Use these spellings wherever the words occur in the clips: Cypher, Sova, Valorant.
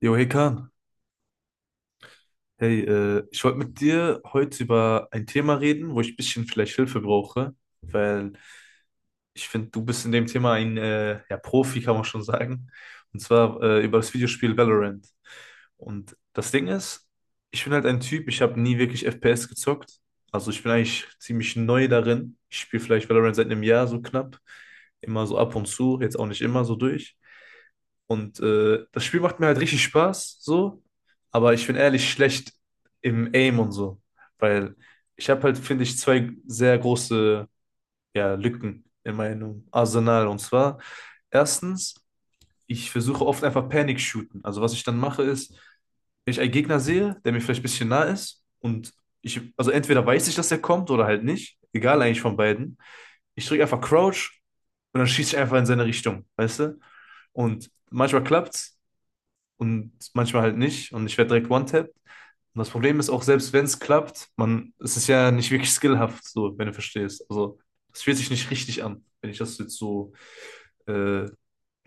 Jo, hey Kahn. Hey, ich wollte mit dir heute über ein Thema reden, wo ich ein bisschen vielleicht Hilfe brauche, weil ich finde, du bist in dem Thema ein ja, Profi, kann man schon sagen. Und zwar über das Videospiel Valorant. Und das Ding ist, ich bin halt ein Typ, ich habe nie wirklich FPS gezockt. Also ich bin eigentlich ziemlich neu darin. Ich spiele vielleicht Valorant seit einem Jahr so knapp. Immer so ab und zu, jetzt auch nicht immer so durch. Und das Spiel macht mir halt richtig Spaß, so. Aber ich bin ehrlich schlecht im Aim und so. Weil ich habe halt, finde ich, zwei sehr große ja, Lücken in meinem Arsenal. Und zwar, erstens, ich versuche oft einfach Panic shooten. Also was ich dann mache ist, wenn ich einen Gegner sehe, der mir vielleicht ein bisschen nah ist und ich, also entweder weiß ich, dass er kommt oder halt nicht, egal eigentlich von beiden. Ich drücke einfach Crouch und dann schieße ich einfach in seine Richtung, weißt du? Und manchmal klappt's, und manchmal halt nicht. Und ich werde direkt one-tapped. Und das Problem ist auch, selbst wenn es klappt, man, es ist ja nicht wirklich skillhaft, so, wenn du verstehst. Also, es fühlt sich nicht richtig an, wenn ich das jetzt so äh,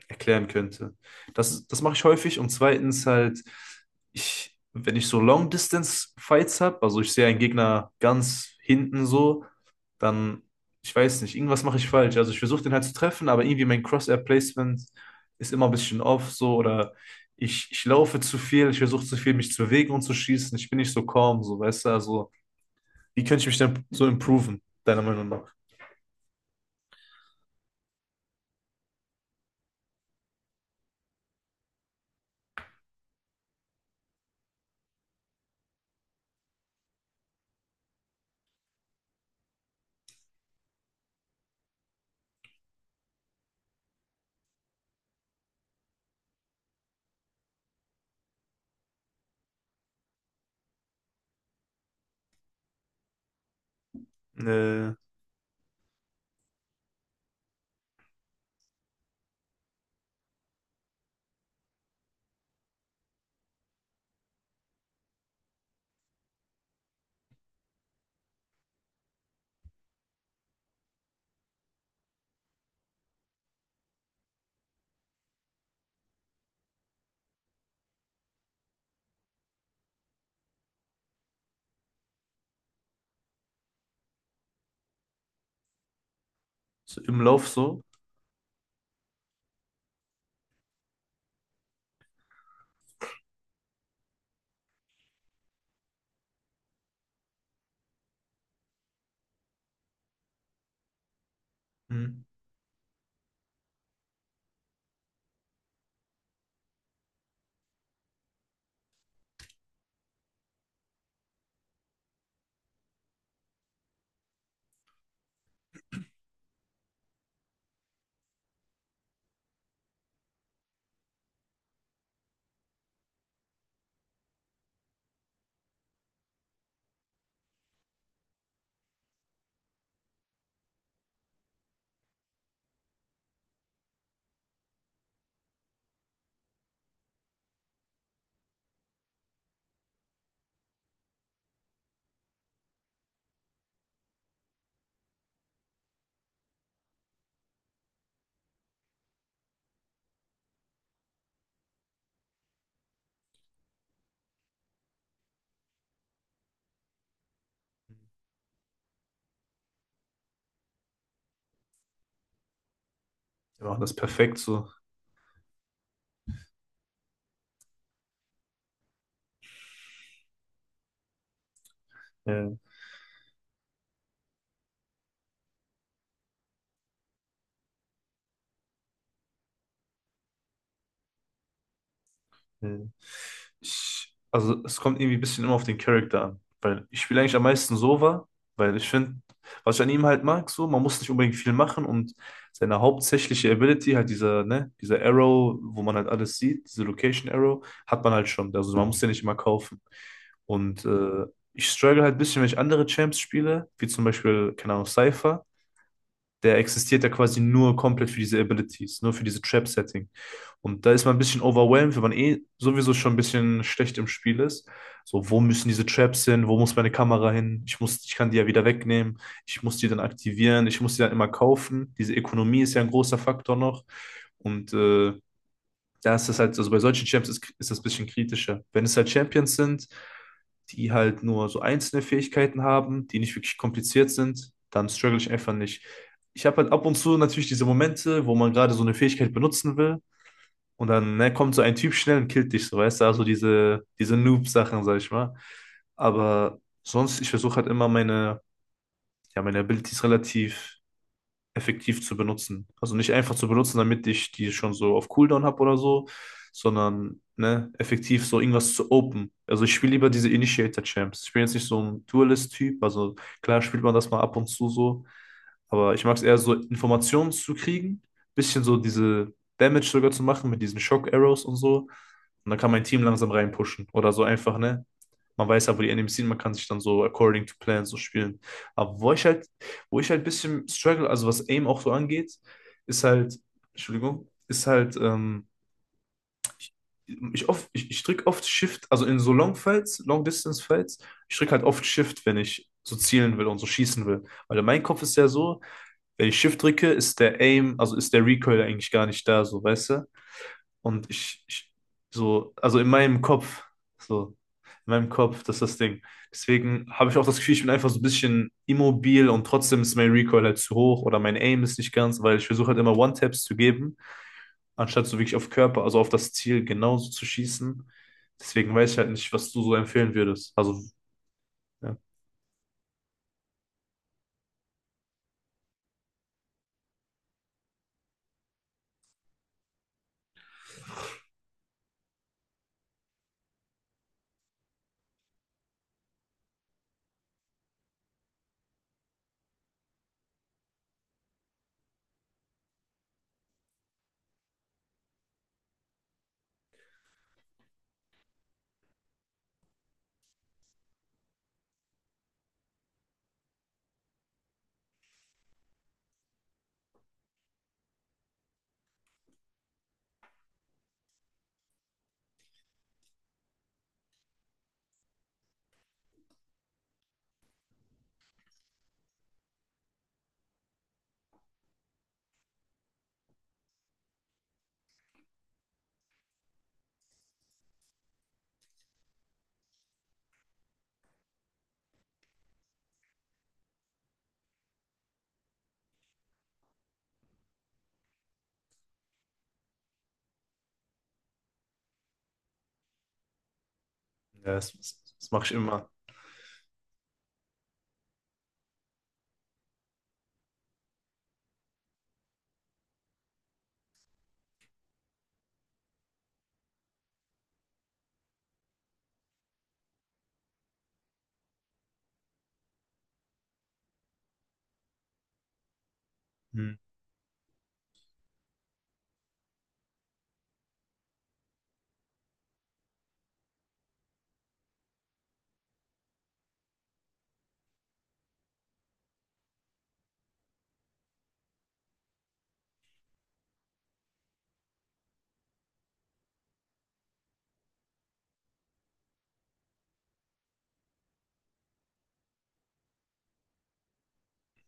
erklären könnte. Das mache ich häufig. Und zweitens halt, ich, wenn ich so Long-Distance-Fights habe, also ich sehe einen Gegner ganz hinten so dann, ich weiß nicht, irgendwas mache ich falsch. Also ich versuche den halt zu treffen, aber irgendwie mein cross placement ist immer ein bisschen off so oder ich laufe zu viel, ich versuche zu viel, mich zu bewegen und zu schießen. Ich bin nicht so calm, so, weißt du? Also, wie könnte ich mich denn so improven, deiner Meinung nach? Äh, so im Lauf so? Mhm. Wir machen das perfekt so. Ja. Hm. Ich, also es kommt irgendwie ein bisschen immer auf den Charakter an. Weil ich spiele eigentlich am meisten Sova, weil ich finde, was ich an ihm halt mag, so, man muss nicht unbedingt viel machen und seine hauptsächliche Ability, halt dieser, ne, dieser Arrow, wo man halt alles sieht, diese Location Arrow, hat man halt schon. Also man muss den nicht immer kaufen. Und ich struggle halt ein bisschen, wenn ich andere Champs spiele, wie zum Beispiel, keine Ahnung, Cypher. Der existiert ja quasi nur komplett für diese Abilities, nur für diese Trap-Setting. Und da ist man ein bisschen overwhelmed, wenn man eh sowieso schon ein bisschen schlecht im Spiel ist. So, wo müssen diese Traps hin? Wo muss meine Kamera hin? Ich muss, ich kann die ja wieder wegnehmen. Ich muss die dann aktivieren. Ich muss die dann immer kaufen. Diese Ökonomie ist ja ein großer Faktor noch. Und da ist das halt, also bei solchen Champs ist das ein bisschen kritischer. Wenn es halt Champions sind, die halt nur so einzelne Fähigkeiten haben, die nicht wirklich kompliziert sind, dann struggle ich einfach nicht. Ich habe halt ab und zu natürlich diese Momente, wo man gerade so eine Fähigkeit benutzen will und dann, ne, kommt so ein Typ schnell und killt dich, so, weißt du, also diese, diese Noob-Sachen, sag ich mal. Aber sonst, ich versuche halt immer meine, ja, meine Abilities relativ effektiv zu benutzen. Also nicht einfach zu benutzen, damit ich die schon so auf Cooldown habe oder so, sondern ne, effektiv so irgendwas zu open. Also ich spiele lieber diese Initiator-Champs. Ich bin jetzt nicht so ein Duelist-Typ, also klar spielt man das mal ab und zu so, aber ich mag es eher so, Informationen zu kriegen, bisschen so diese Damage sogar zu machen mit diesen Shock-Arrows und so. Und dann kann mein Team langsam reinpushen. Oder so einfach, ne? Man weiß ja, wo die Enemies sind, man kann sich dann so according to plan so spielen. Aber wo ich halt ein bisschen struggle, also was Aim auch so angeht, ist halt, Entschuldigung, ist halt, ich, oft, ich drück oft Shift, also in so Long-Fights, Long-Distance-Fights, ich drück halt oft Shift, wenn ich so zielen will und so schießen will. Weil in meinem Kopf ist ja so, wenn ich Shift drücke, ist der Aim, also ist der Recoil eigentlich gar nicht da, so, weißt du? Und ich so, also in meinem Kopf, so, in meinem Kopf, das ist das Ding. Deswegen habe ich auch das Gefühl, ich bin einfach so ein bisschen immobil und trotzdem ist mein Recoil halt zu hoch oder mein Aim ist nicht ganz, weil ich versuche halt immer One-Taps zu geben, anstatt so wirklich auf Körper, also auf das Ziel genauso zu schießen. Deswegen weiß ich halt nicht, was du so empfehlen würdest. Also, ja, ja das, das mache ich immer. Hm.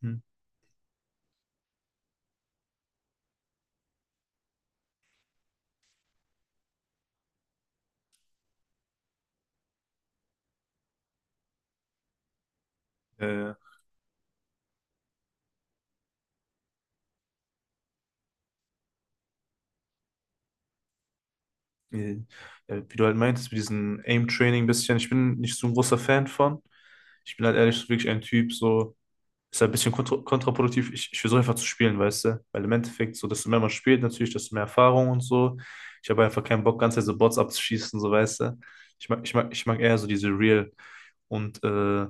Hm. Ja, ja. äh, wie du halt meintest, mit diesem Aim-Training ein bisschen, ich bin nicht so ein großer Fan von. Ich bin halt ehrlich so wirklich ein Typ, so ist halt ein bisschen kontraproduktiv. Ich versuche einfach zu spielen, weißt du? Weil im Endeffekt, so desto mehr man spielt, natürlich, desto mehr Erfahrung und so. Ich habe einfach keinen Bock, ganz so Bots abzuschießen, so weißt du? Ich mag eher so diese Real. Und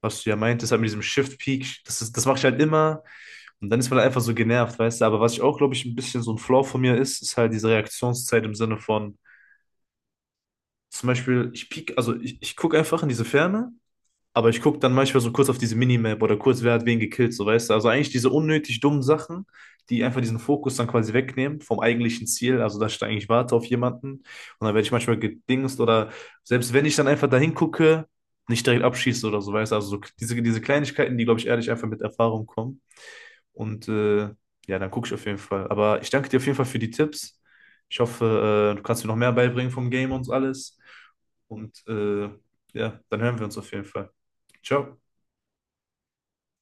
was du ja meintest, halt mit diesem Shift-Peak, das ist, das mache ich halt immer. Und dann ist man halt einfach so genervt, weißt du? Aber was ich auch, glaube ich, ein bisschen so ein Flaw von mir ist, ist halt diese Reaktionszeit im Sinne von. Zum Beispiel, ich piek, also ich gucke einfach in diese Ferne, aber ich gucke dann manchmal so kurz auf diese Minimap oder kurz, wer hat wen gekillt, so weißt du. Also eigentlich diese unnötig dummen Sachen, die einfach diesen Fokus dann quasi wegnehmen vom eigentlichen Ziel. Also, dass ich da eigentlich warte auf jemanden und dann werde ich manchmal gedingst oder selbst wenn ich dann einfach da hingucke, nicht direkt abschieße oder so, weißt du. Also so diese, diese Kleinigkeiten, die, glaube ich, ehrlich einfach mit Erfahrung kommen. Und ja, dann gucke ich auf jeden Fall. Aber ich danke dir auf jeden Fall für die Tipps. Ich hoffe, du kannst mir noch mehr beibringen vom Game und alles. Und ja, dann hören wir uns auf jeden Fall. Ciao.